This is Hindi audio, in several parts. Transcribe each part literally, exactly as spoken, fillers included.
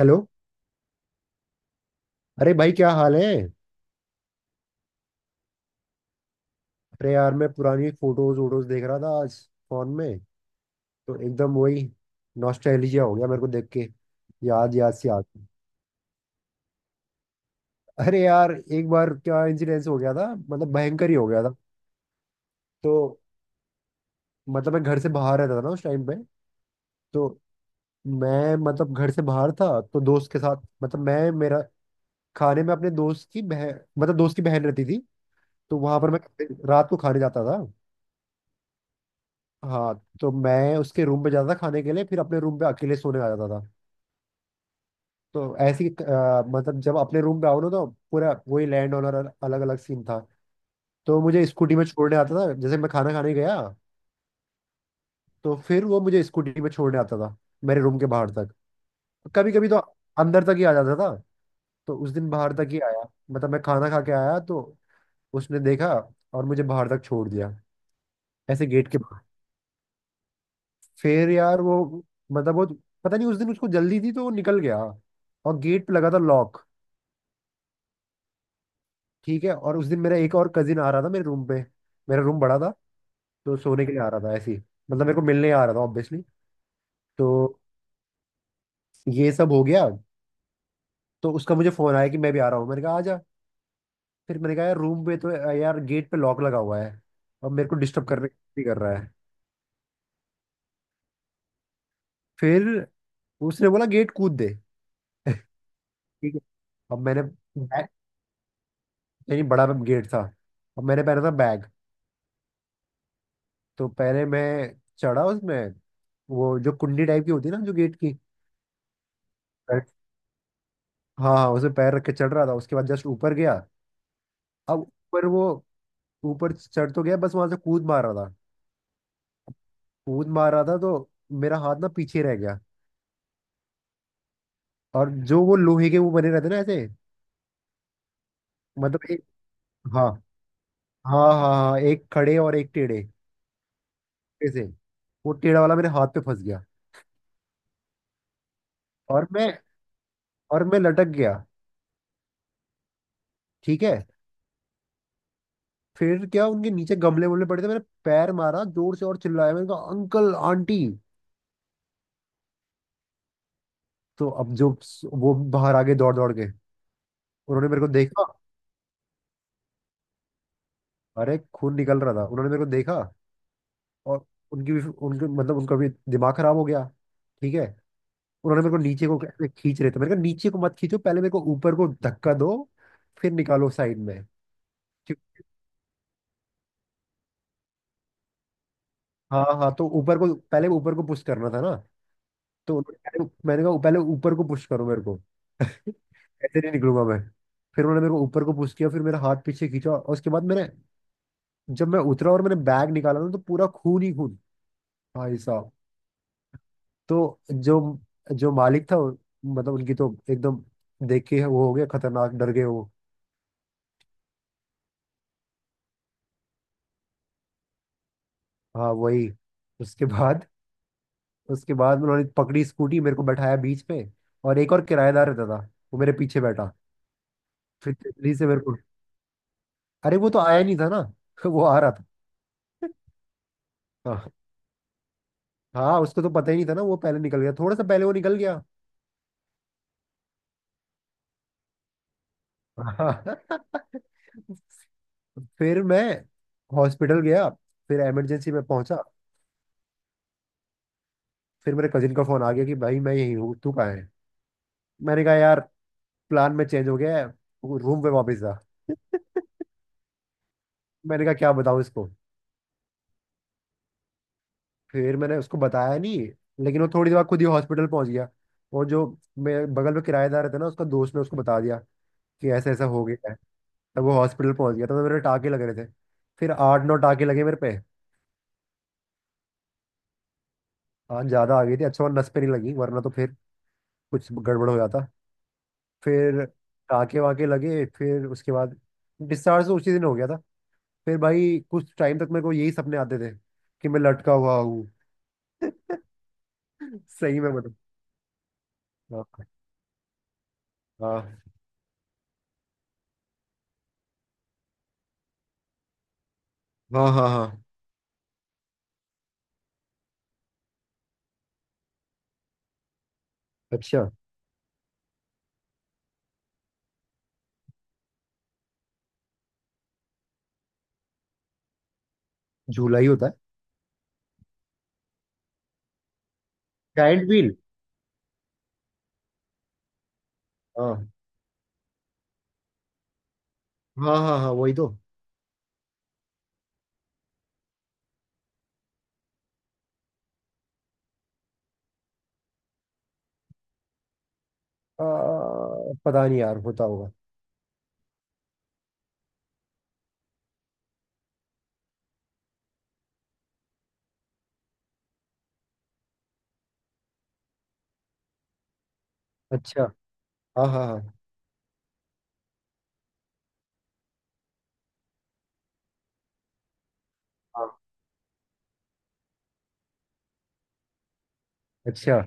हेलो। अरे भाई, क्या हाल है? अरे यार, मैं पुरानी फोटोज वोटोज देख रहा था आज, फोन में। तो एकदम वही नॉस्टैल्जिया हो गया मेरे को देख के। याद याद सी आ गई। अरे यार, एक बार क्या इंसिडेंस हो गया था, मतलब भयंकर ही हो गया था। तो मतलब मैं घर से बाहर रहता था ना उस टाइम पे। तो मैं मतलब घर से बाहर था तो दोस्त के साथ, मतलब मैं मेरा खाने में अपने दोस्त की बहन, मतलब दोस्त की बहन रहती थी। तो वहां पर मैं रात को खाने जाता था। हाँ। तो मैं उसके रूम पे जाता था खाने के लिए, फिर अपने रूम पे अकेले सोने आ जाता था। तो ऐसी अ, मतलब जब अपने रूम पे आओ ना तो पूरा वही लैंड ऑनर, अलग अलग सीन था। तो मुझे स्कूटी में छोड़ने आता था, जैसे मैं खाना खाने गया तो फिर वो मुझे स्कूटी में छोड़ने आता था मेरे रूम के बाहर तक। कभी कभी तो अंदर तक ही आ जाता था। तो उस दिन बाहर तक ही आया। मतलब मैं खाना खा के आया तो उसने देखा और मुझे बाहर तक छोड़ दिया, ऐसे गेट के। फिर यार वो, मतलब वो, पता नहीं उस दिन उसको जल्दी थी तो वो निकल गया, और गेट पे लगा था लॉक। ठीक है। और उस दिन मेरा एक और कजिन आ रहा था मेरे रूम पे। मेरा रूम बड़ा था। तो सोने के लिए आ रहा था ऐसे ही, मतलब मेरे को मिलने आ रहा था ऑब्वियसली। तो ये सब हो गया। तो उसका मुझे फोन आया कि मैं भी आ रहा हूँ, मैंने कहा आ जा। फिर मैंने कहा यार रूम पे तो, यार, गेट पे लॉक लगा हुआ है, और मेरे को डिस्टर्ब करने भी कर रहा है। फिर उसने बोला गेट कूद दे। ठीक है। अब मैंने बैग- नहीं, बड़ा गेट था। अब मैंने पहना था बैग। तो पहले मैं चढ़ा उसमें, वो जो कुंडी टाइप की होती है ना जो गेट की। पैर- हाँ हाँ, उसमें पैर रख के चढ़ रहा था, उसके बाद जस्ट ऊपर गया। अब ऊपर वो ऊपर चढ़ तो गया, बस वहां से कूद मार रहा था कूद मार रहा था तो मेरा हाथ ना पीछे रह गया। और जो वो लोहे के वो बने रहते ना ऐसे, मतलब एक, हाँ हाँ हाँ हाँ, एक खड़े और एक टेढ़े, ऐसे। वो टेढ़ा वाला मेरे हाथ पे फंस गया। और मैं और मैं लटक गया। ठीक है। फिर क्या, उनके नीचे गमले वमले पड़े थे, मैंने पैर मारा जोर से और चिल्लाया, मैंने कहा अंकल आंटी। तो अब जो, वो बाहर आ गए दौड़ दौड़ के। उन्होंने मेरे को देखा, अरे खून निकल रहा था। उन्होंने मेरे को देखा और उनकी भी, उनके मतलब उनका भी दिमाग खराब हो गया। ठीक है। उन्होंने मेरे को नीचे को ऐसे खींच रहे थे, मैंने कहा नीचे को मत खींचो, पहले मेरे को ऊपर को धक्का दो, फिर निकालो साइड में। क्यों- हाँ हाँ, तो ऊपर को पहले, ऊपर को पुश करना था ना। तो उन्होंने- पहले- मैंने कहा पहले ऊपर को पुश करो मेरे को। ऐसे नहीं निकलूंगा मैं। फिर उन्होंने मेरे को ऊपर को पुश किया, फिर मेरा हाथ पीछे खींचा, और उसके बाद मैंने, जब मैं उतरा और मैंने बैग निकाला ना तो पूरा खून ही खून, भाई साहब। तो जो जो मालिक था, मतलब उनकी तो एकदम देख के वो हो गया खतरनाक, डर गए वो। हाँ, वही। उसके बाद उसके बाद उन्होंने पकड़ी स्कूटी, मेरे को बैठाया बीच पे। और एक और किराएदार रहता था, वो मेरे पीछे बैठा। फिर तेजी से मेरे को, अरे वो तो आया नहीं था ना। वो आ रहा था। हाँ। हाँ, उसको तो पता ही नहीं था ना, वो पहले निकल गया, थोड़ा सा पहले वो निकल गया। हाँ। फिर मैं हॉस्पिटल गया, फिर इमरजेंसी में पहुंचा। फिर मेरे कजिन का फोन आ गया कि भाई मैं यहीं हूँ, तू कहाँ है। मैंने कहा यार, प्लान में चेंज हो गया है, रूम पे वापस जा। मैंने कहा क्या बताऊँ इसको। फिर मैंने उसको बताया नहीं, लेकिन वो थोड़ी देर बाद खुद ही हॉस्पिटल पहुंच गया। और जो मेरे बगल में किराएदार था ना, उसका दोस्त ने उसको बता दिया कि ऐसा ऐसा हो गया है। तब वो हॉस्पिटल पहुंच गया, तब तो मेरे टाके लग रहे थे। फिर आठ नौ टाके लगे मेरे पे। आज ज्यादा आ गई थी, अच्छा हुआ नस पे नहीं लगी, वरना तो फिर कुछ गड़बड़ हो जाता। फिर टाँके वाके लगे, फिर उसके बाद डिस्चार्ज तो उसी दिन हो गया था। फिर भाई कुछ टाइम तक मेरे को यही सपने आते थे कि मैं लटका हुआ हूँ। सही में, मतलब। हाँ। हाँ। हाँ हाँ हाँ। अच्छा। झूला ही होता है। Giant wheel. हाँ हाँ हाँ हाँ, वही तो। आ, पता नहीं यार, होता होगा। अच्छा। हाँ हाँ हाँ। हाँ। अच्छा।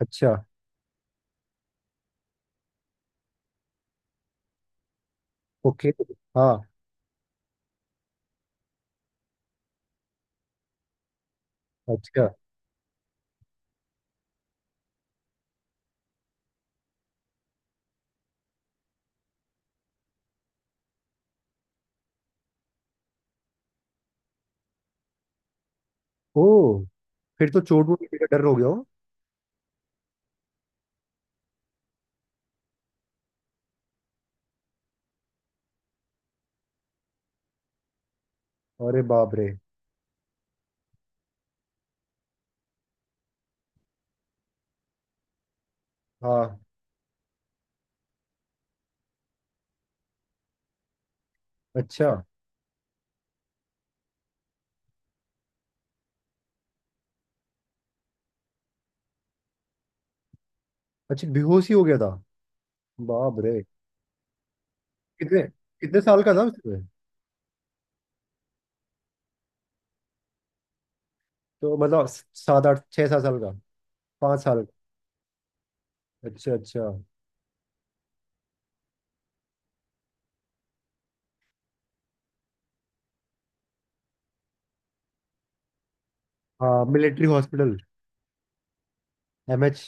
अच्छा। ओके। हाँ। अच्छा। ओ। फिर तो चोट वोट का डर हो गया हो। अरे बाप रे। हाँ। अच्छा अच्छा, बेहोश ही हो गया था। बाप रे। कितने कितने साल का था उसमें? तो मतलब स- सात आठ, छः सात साल का। पाँच साल का। अच्छा अच्छा। हाँ, मिलिट्री हॉस्पिटल। M H.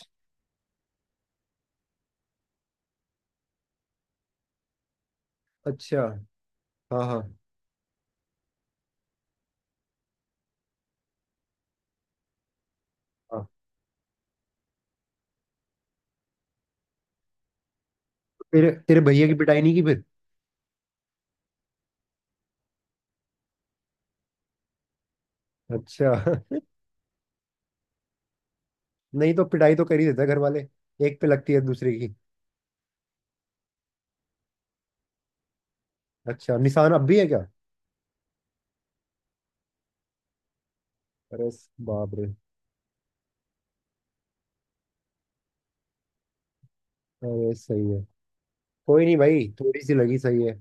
अच्छा। हाँ हाँ हाँ। तेरे तेरे भैया की पिटाई नहीं की फिर? अच्छा। नहीं तो पिटाई तो कर ही देता है घर वाले, एक पे लगती है दूसरे की। अच्छा, निशान अब भी है क्या? अरे स- बाप रे। अरे सही है। कोई नहीं भाई, थोड़ी सी लगी, सही है।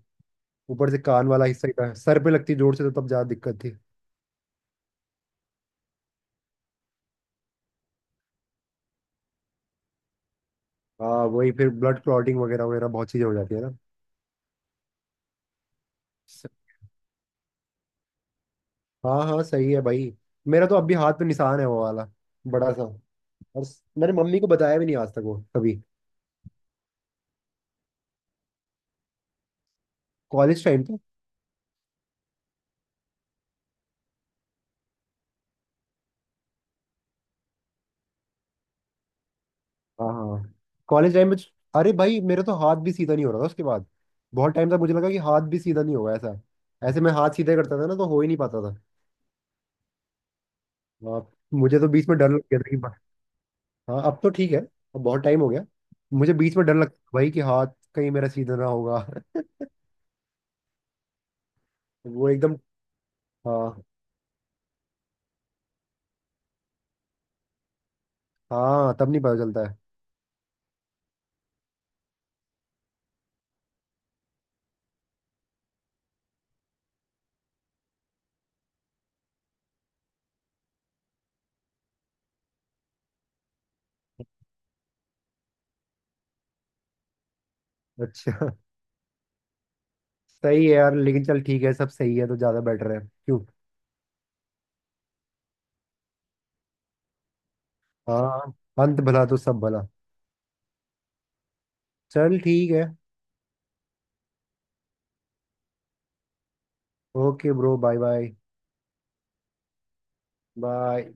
ऊपर से कान वाला हिस्सा ही था, सर पे लगती जोर से तो तब ज्यादा दिक्कत थी। हाँ वही, फिर ब्लड क्लॉटिंग वगैरह वगैरह, बहुत चीजें हो जाती है ना। स- हाँ हाँ, सही है भाई। मेरा तो अभी हाथ पे निशान है वो वाला, बड़ा सा। और स- मैंने मम्मी को बताया भी नहीं आज तक वो कभी। कॉलेज टाइम पे। हाँ हाँ। कॉलेज टाइम में, अरे भाई मेरा तो हाथ भी सीधा नहीं हो रहा था उसके बाद। बहुत टाइम तक मुझे लगा कि हाथ भी सीधा नहीं होगा। ऐसा, ऐसे मैं हाथ सीधे करता था ना तो हो ही नहीं पाता था। हाँ, मुझे तो बीच में डर लग गया था कि। हाँ, अब तो ठीक है, अब बहुत टाइम हो गया। मुझे बीच में डर लगता था भाई कि हाथ कहीं मेरा सीधा ना होगा। वो एकदम। हाँ हाँ, तब नहीं पता चलता है। अच्छा। सही है यार, लेकिन चल ठीक है, सब सही है तो ज्यादा बेटर है। क्यों। हाँ, अंत भला तो सब भला। चल ठीक है। Okay bro, bye bye. Bye.